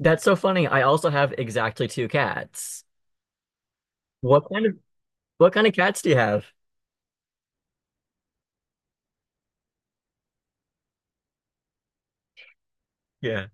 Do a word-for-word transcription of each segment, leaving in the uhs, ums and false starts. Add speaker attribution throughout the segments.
Speaker 1: That's so funny. I also have exactly two cats. What kind of what kind of cats do you have? Yeah.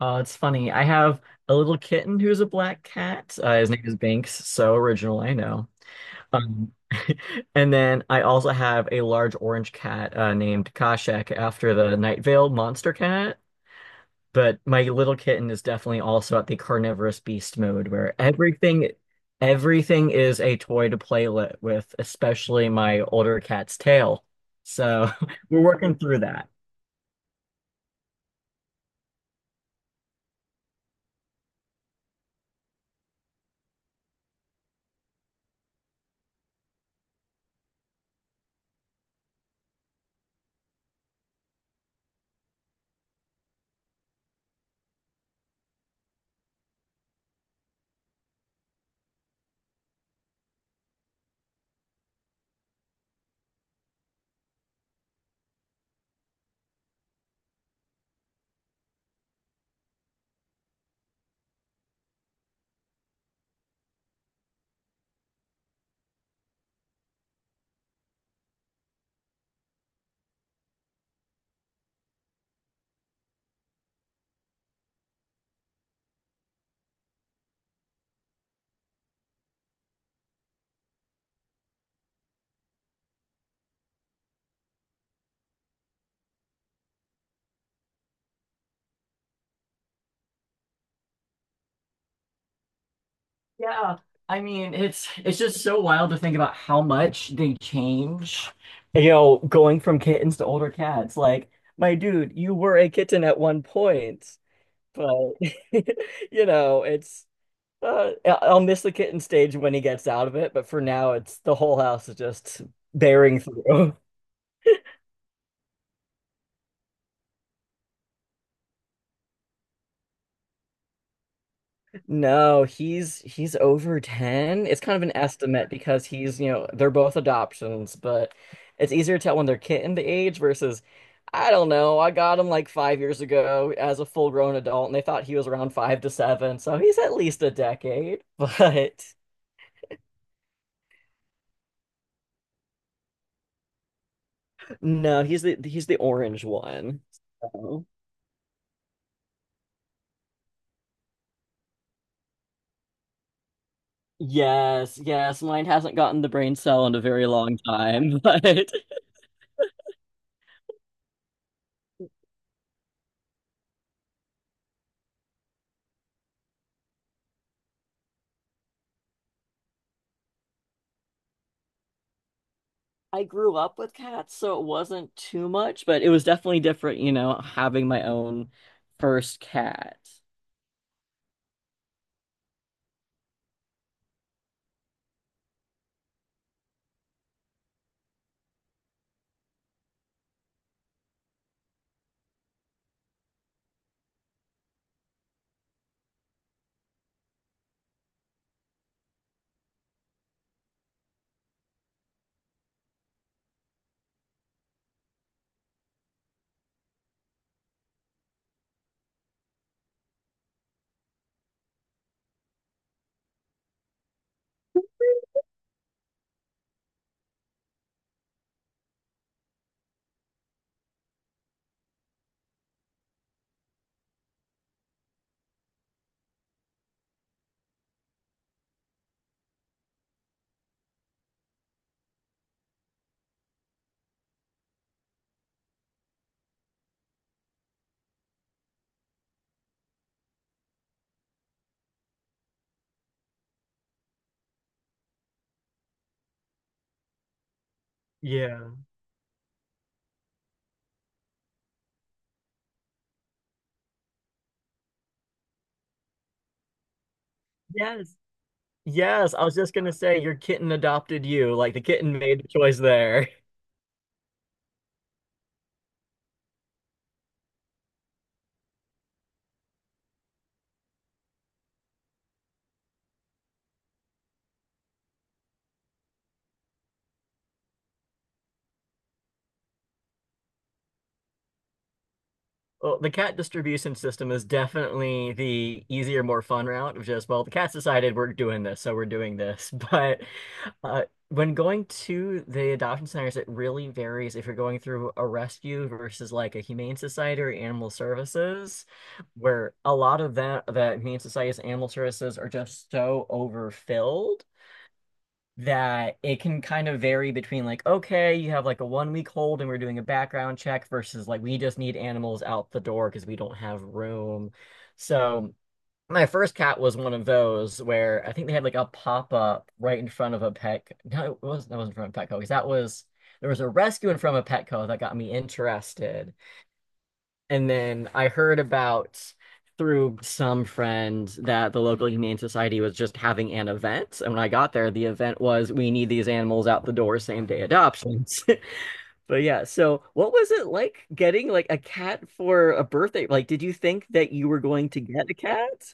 Speaker 1: Uh, it's funny. I have a little kitten who's a black cat. Uh, his name is Binks. So original, I know. Um, and then I also have a large orange cat uh, named Kashek after the Night Vale monster cat. But my little kitten is definitely also at the carnivorous beast mode where everything everything is a toy to play li- with, especially my older cat's tail. So we're working through that. Yeah. I mean, it's it's just so wild to think about how much they change, you know, going from kittens to older cats. Like, my dude, you were a kitten at one point, but you know, it's Uh, I- I'll miss the kitten stage when he gets out of it, but for now, it's the whole house is just bearing through. No, he's he's over ten. It's kind of an estimate because he's, you know, they're both adoptions, but it's easier to tell when they're kitten the age versus, I don't know, I got him like five years ago as a full grown adult, and they thought he was around five to seven, so he's at least a decade. But no, he's the he's the orange one. So. Yes, yes, mine hasn't gotten the brain cell in a very long time, but I grew up with cats, so it wasn't too much, but it was definitely different, you know, having my own first cat. Yeah. Yes. Yes. I was just gonna say your kitten adopted you. Like the kitten made the choice there. Well, the cat distribution system is definitely the easier, more fun route of just, well, the cats decided we're doing this, so we're doing this. But uh, when going to the adoption centers, it really varies if you're going through a rescue versus like a humane society or animal services, where a lot of that, that humane societies and animal services are just so overfilled that it can kind of vary between like, okay, you have like a one week hold and we're doing a background check versus like we just need animals out the door because we don't have room. So my first cat was one of those where I think they had like a pop up right in front of a pet. No, it was that wasn't from a Petco because that was there was a rescue in front of a Petco that got me interested. And then I heard about through some friend that the local Humane Society was just having an event. And when I got there, the event was we need these animals out the door, same day adoptions. But yeah, so what was it like getting like a cat for a birthday? Like, did you think that you were going to get a cat?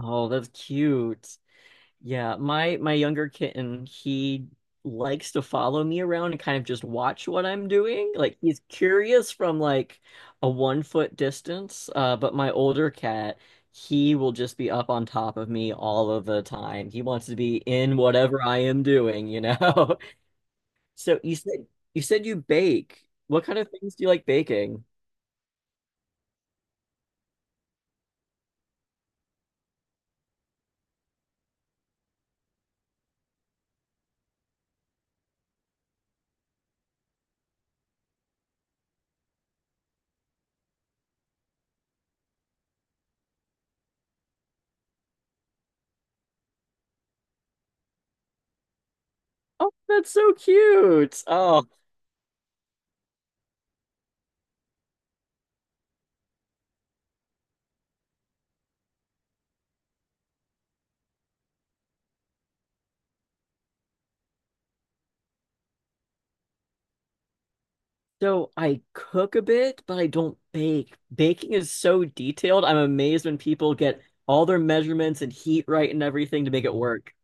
Speaker 1: Oh, that's cute. Yeah, my my younger kitten, he likes to follow me around and kind of just watch what I'm doing. Like he's curious from like a one foot distance. Uh, but my older cat, he will just be up on top of me all of the time. He wants to be in whatever I am doing, you know? So you said you said you bake. What kind of things do you like baking? Oh, that's so cute. Oh. So I cook a bit, but I don't bake. Baking is so detailed. I'm amazed when people get all their measurements and heat right and everything to make it work.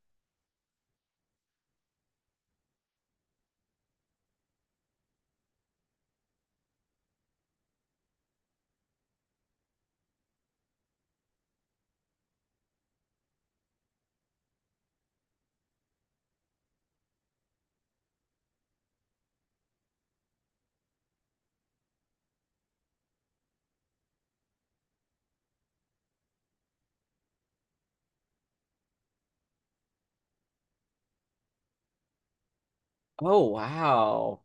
Speaker 1: Oh, wow.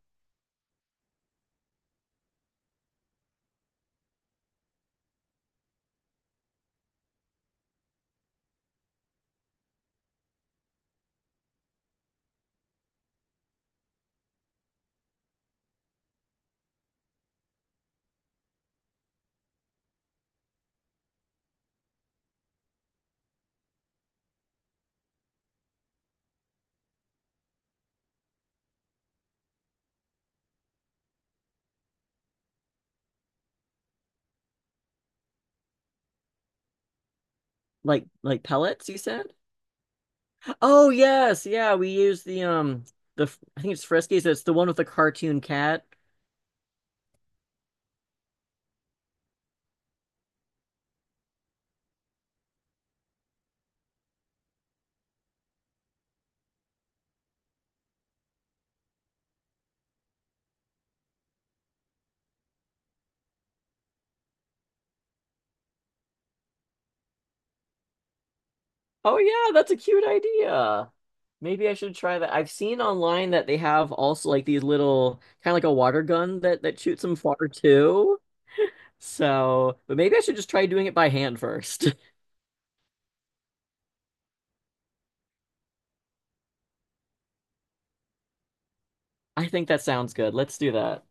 Speaker 1: Like like pellets, you said? Oh yes, yeah. We use the um the f- I think it's Friskies. It's the one with the cartoon cat. Oh, yeah, that's a cute idea. Maybe I should try that. I've seen online that they have also like these little kind of like a water gun that that shoots some water too. So, but maybe I should just try doing it by hand first. I think that sounds good. Let's do that.